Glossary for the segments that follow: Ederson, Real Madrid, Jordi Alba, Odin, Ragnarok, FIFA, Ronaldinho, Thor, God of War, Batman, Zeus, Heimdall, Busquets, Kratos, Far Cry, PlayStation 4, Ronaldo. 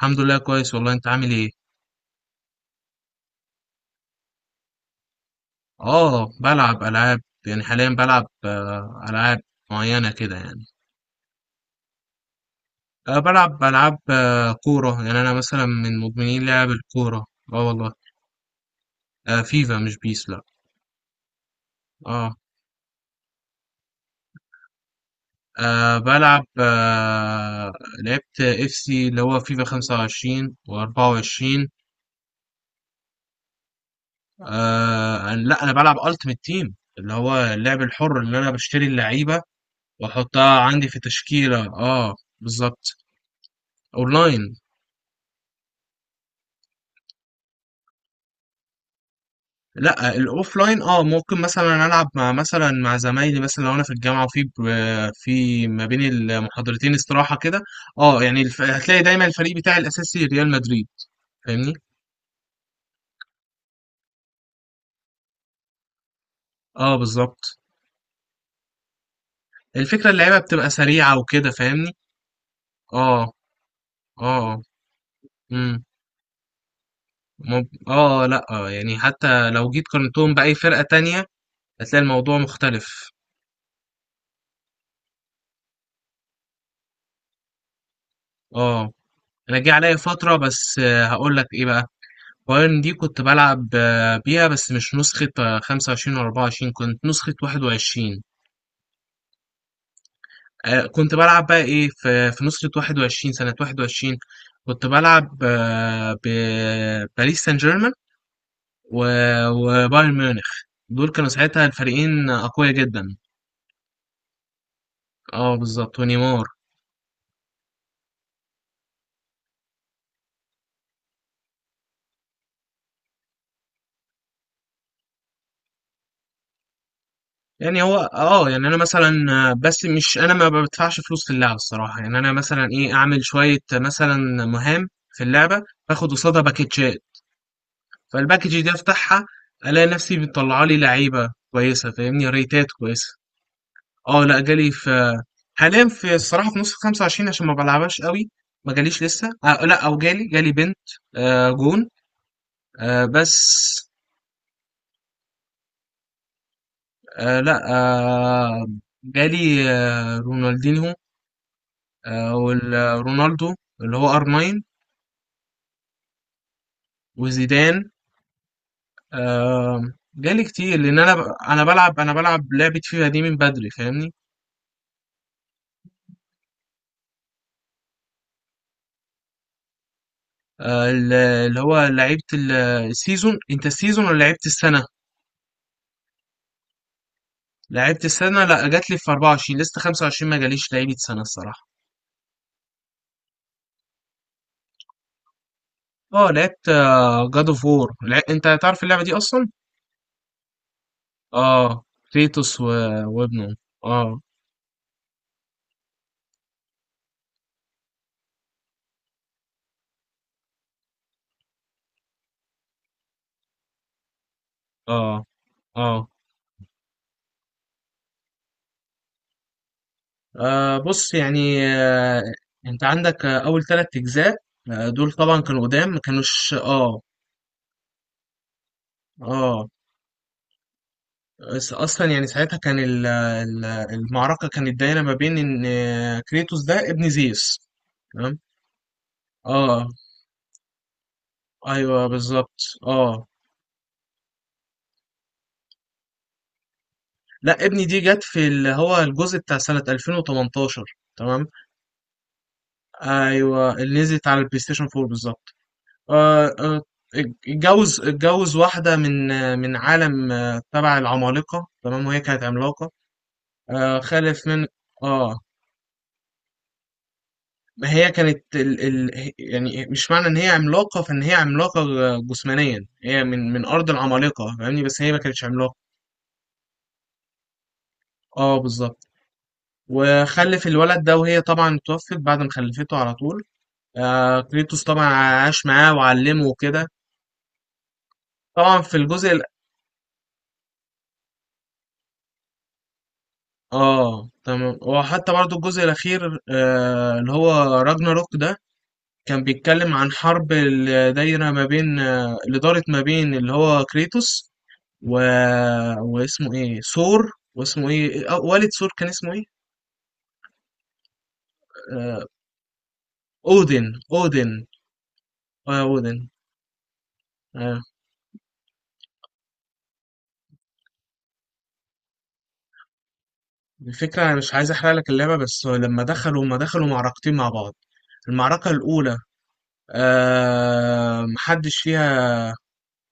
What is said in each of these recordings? الحمد لله كويس والله، انت عامل ايه؟ اه بلعب العاب. يعني حاليا بلعب العاب معينه كده يعني. أه بلعب العاب كوره، يعني انا مثلا من مدمنين لعب الكوره. اه والله. أه، فيفا مش بيس، لا. اه. أه بلعب. لعبت اف سي اللي هو فيفا 25 و24. أه، لا انا بلعب التيمت تيم اللي هو اللعب الحر اللي انا بشتري اللعيبه واحطها عندي في تشكيله. اه بالظبط. اونلاين. لا الاوفلاين، اه ممكن مثلا العب مع مثلا مع زمايلي، مثلا لو انا في الجامعه وفي ب- في ما بين المحاضرتين استراحه كده. اه يعني هتلاقي دايما الفريق بتاعي الاساسي ريال مدريد. فاهمني. اه بالظبط. الفكره اللعيبه بتبقى سريعه وكده، فاهمني. اه. اه. امم. مب... اه لا آه، يعني حتى لو جيت قارنتهم باي فرقه تانية هتلاقي الموضوع مختلف. اه انا جه عليا فتره بس، هقول لك ايه بقى. وان دي كنت بلعب بيها، بس مش نسخة 25 و 24، كنت نسخة 21. آه، كنت بلعب بقى ايه في نسخة 21 سنة 21. كنت بلعب بباريس سان جيرمان و- وبايرن ميونخ. دول كانوا ساعتها الفريقين أقوياء جدا. اه بالظبط، ونيمار. يعني هو اه، يعني انا مثلا آه، بس مش انا ما بدفعش فلوس في اللعبة الصراحة. يعني انا مثلا ايه، اعمل شوية مثلا مهام في اللعبة، باخد قصادها باكيتشات. فالباكج دي افتحها، الاقي نفسي بتطلع لي لعيبه كويسه، فاهمني، ريتات كويسه. اه لا، جالي في. حاليا في الصراحه في نص 25، عشان ما بلعبهاش قوي. ما جاليش لسه، آه لا او جالي، جالي بنت، آه جون. آه بس. آه لا آه جالي آه رونالدينهو، آه والرونالدو اللي هو ار 9، وزيدان. آه. جالي كتير لان انا بلعب لعبه فيفا دي من بدري، فاهمني. اللي هو لعيبة السيزون، انت السيزون ولا لعيبة السنة؟ لعيبة السنة لا، جات لي في 24، لسه 25 ما جاليش لعيبة سنة الصراحة. اه لعبت جاد اوف وور. انت تعرف اللعبة دي اصلا؟ اه فيتوس وابنه. اه. اه. اه. بص يعني، انت عندك اول 3 اجزاء. دول طبعا كانوا قدام ما كانوش، اه. اه، بس اصلا يعني ساعتها كان المعركه كانت دايره ما بين ان كريتوس ده ابن زيوس. تمام. اه ايوه بالظبط. اه لا، ابني دي جت في اللي هو الجزء بتاع سنه 2018. تمام. ايوه اللي نزلت على البلاي ستيشن 4 بالظبط. آه آه. اتجوز، اتجوز واحده من من عالم تبع العمالقه، تمام، وهي كانت عملاقه. آه خلف من. اه. ما هي كانت يعني مش معنى ان هي عملاقه فان هي عملاقه جسمانيا. هي من ارض العمالقه، فاهمني، بس هي ما كانتش عملاقه. اه بالظبط. وخلف الولد ده، وهي طبعا توفت بعد ما خلفته على طول. آه كريتوس طبعا عاش معاه وعلمه وكده. طبعا في اه تمام. وحتى برضو الجزء الاخير آه اللي هو راجناروك ده كان بيتكلم عن حرب اللي دايره ما بين اللي دارت ما بين اللي هو كريتوس و... واسمه ايه ثور، واسمه ايه والد ثور كان اسمه ايه. آه، اودن. اودن. اودن. آه. الفكرة انا مش عايز احرق لك اللعبة، بس لما دخلوا ما دخلوا معركتين مع بعض، المعركة الأولى محدش فيها.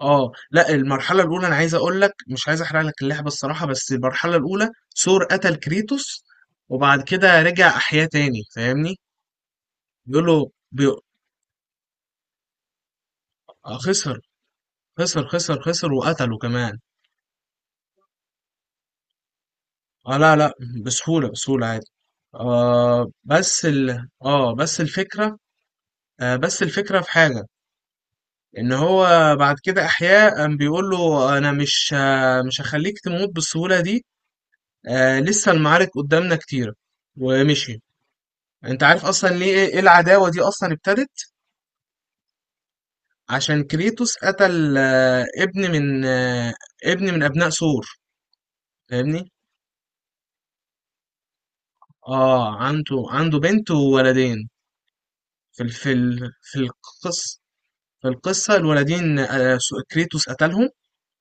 اه لا، المرحلة الأولى أنا عايز أقول لك، مش عايز أحرق لك اللعبة الصراحة، بس المرحلة الأولى ثور قتل كريتوس. وبعد كده رجع أحياه تاني، فاهمني؟ بيقول له بي... آه، خسر خسر خسر خسر وقتله كمان. اه لا لا، بسهولة بسهولة عادي. آه بس ال اه بس الفكرة آه بس الفكرة في حاجة، ان هو بعد كده احياء، قام بيقول له انا مش مش هخليك تموت بالسهولة دي. آه لسه المعارك قدامنا كتيرة. ومشي. انت عارف اصلا ليه، إيه العداوة دي اصلا ابتدت؟ عشان كريتوس قتل ابن من ابناء ثور، فاهمني. اه عنده بنت وولدين. في في القصة، في القصة الولدين كريتوس قتلهم.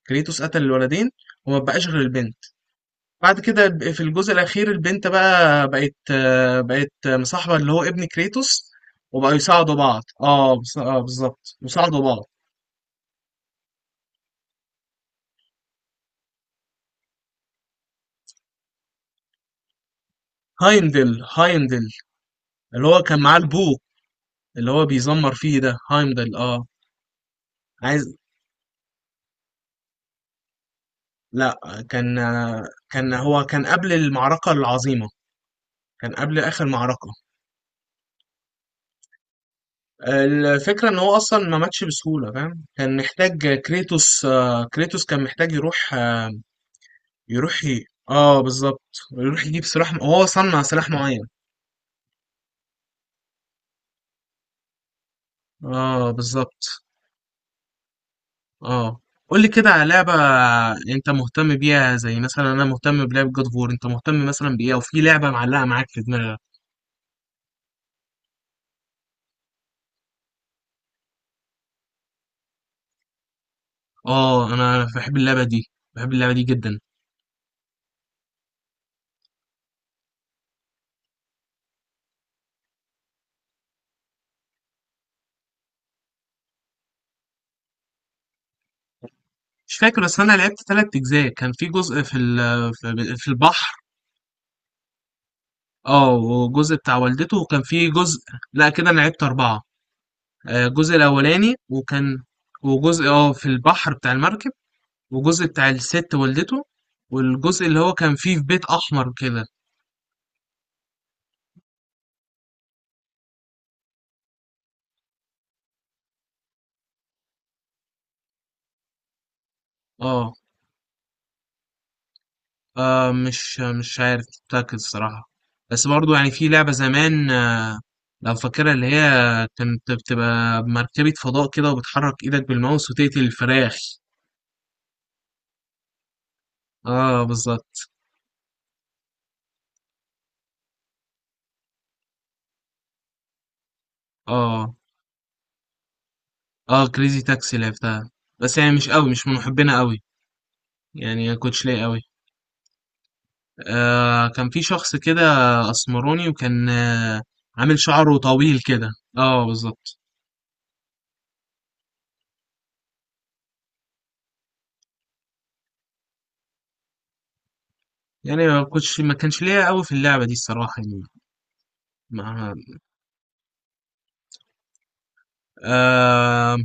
كريتوس قتل الولدين. وما بقاش غير البنت. بعد كده في الجزء الأخير البنت بقى بقت آه، بقت مصاحبة اللي هو ابن كريتوس. وبقوا يساعدوا بعض. بالظبط، يساعدوا بعض. هايمدل. هايمدل، اللي هو كان معاه البو اللي هو بيزمر فيه ده، هايمدل. اه. عايز. لا، كان كان هو كان قبل المعركة العظيمة، كان قبل آخر معركة. الفكرة ان هو اصلا ما ماتش بسهولة، فاهم. كان محتاج كريتوس، كريتوس كان محتاج يروح، اه بالظبط. يروح يجيب سلاح هو صنع سلاح معين. اه بالظبط. اه. قول لي كده على لعبة انت مهتم بيها، زي مثلا انا مهتم بلعبة جاد فور. انت مهتم مثلا بايه، او في لعبة معلقة معاك في دماغك؟ اه انا بحب اللعبة دي، بحب اللعبة دي جدا. مش فاكر، بس انا لعبت 3 اجزاء. كان في جزء في البحر. اه، وجزء بتاع والدته، وكان فيه جزء. لا، كده انا لعبت اربعة. الجزء الاولاني، وكان وجزء اه في البحر بتاع المركب، وجزء بتاع الست والدته، والجزء اللي هو كان فيه في بيت احمر كده. اه. مش عارف متأكد الصراحة. بس برضو يعني في لعبة زمان، لو فاكرها اللي هي كانت بتبقى مركبة فضاء كده، وبتحرك ايدك بالماوس وتقتل الفراخ. اه بالظبط. اه. آه، كريزي تاكسي لعبتها، بس يعني مش قوي، مش من محبينها قوي. يعني ما كنتش ليا قوي. آه، كان في شخص كده اسمراني، وكان عامل شعره طويل كده. اه بالظبط. يعني ما كنتش، ما كانش ليا قوي في اللعبة دي الصراحة يعني. ما آه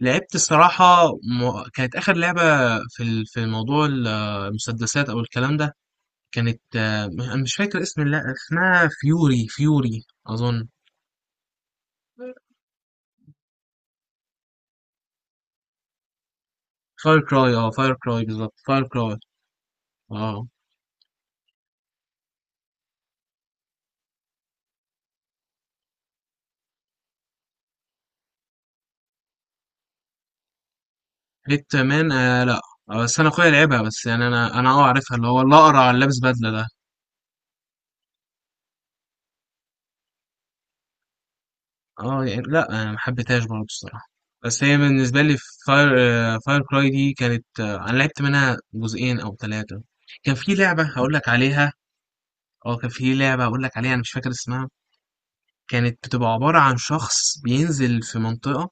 لعبت الصراحة كانت آخر لعبة في في موضوع المسدسات أو الكلام ده. كانت أنا مش فاكر اسم اللعبة. اسمها فيوري، فيوري أظن. فاير كراي، اه فاير كراي بالظبط، فاير كراي. اه بيت مان. آه لا، بس انا اخويا لعبها، بس يعني انا عارفها، اللي هو الاقرع اللي لابس بدله ده. اه يعني لا، انا ما حبيتهاش برضه الصراحه، بس هي بالنسبه لي. فاير فاير كراي دي كانت، انا لعبت منها جزئين او ثلاثه. كان في لعبه هقول لك عليها. اه كان في لعبه هقول لك عليها، انا مش فاكر اسمها. كانت بتبقى عباره عن شخص بينزل في منطقه،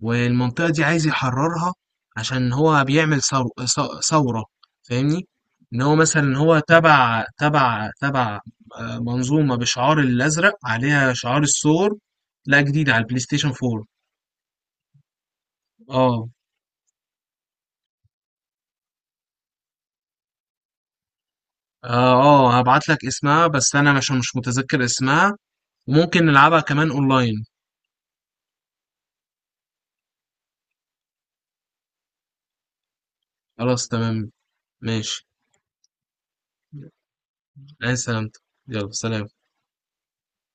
والمنطقة دي عايز يحررها عشان هو بيعمل ثورة، فاهمني. ان هو مثلا هو تبع منظومة بشعار الازرق، عليها شعار الثور. لا، جديد على البلاي ستيشن 4. اه اه هبعت لك اسمها، بس انا مش متذكر اسمها. وممكن نلعبها كمان اونلاين. خلاص تمام. ماشي. انا سلامتك. يلا سلام.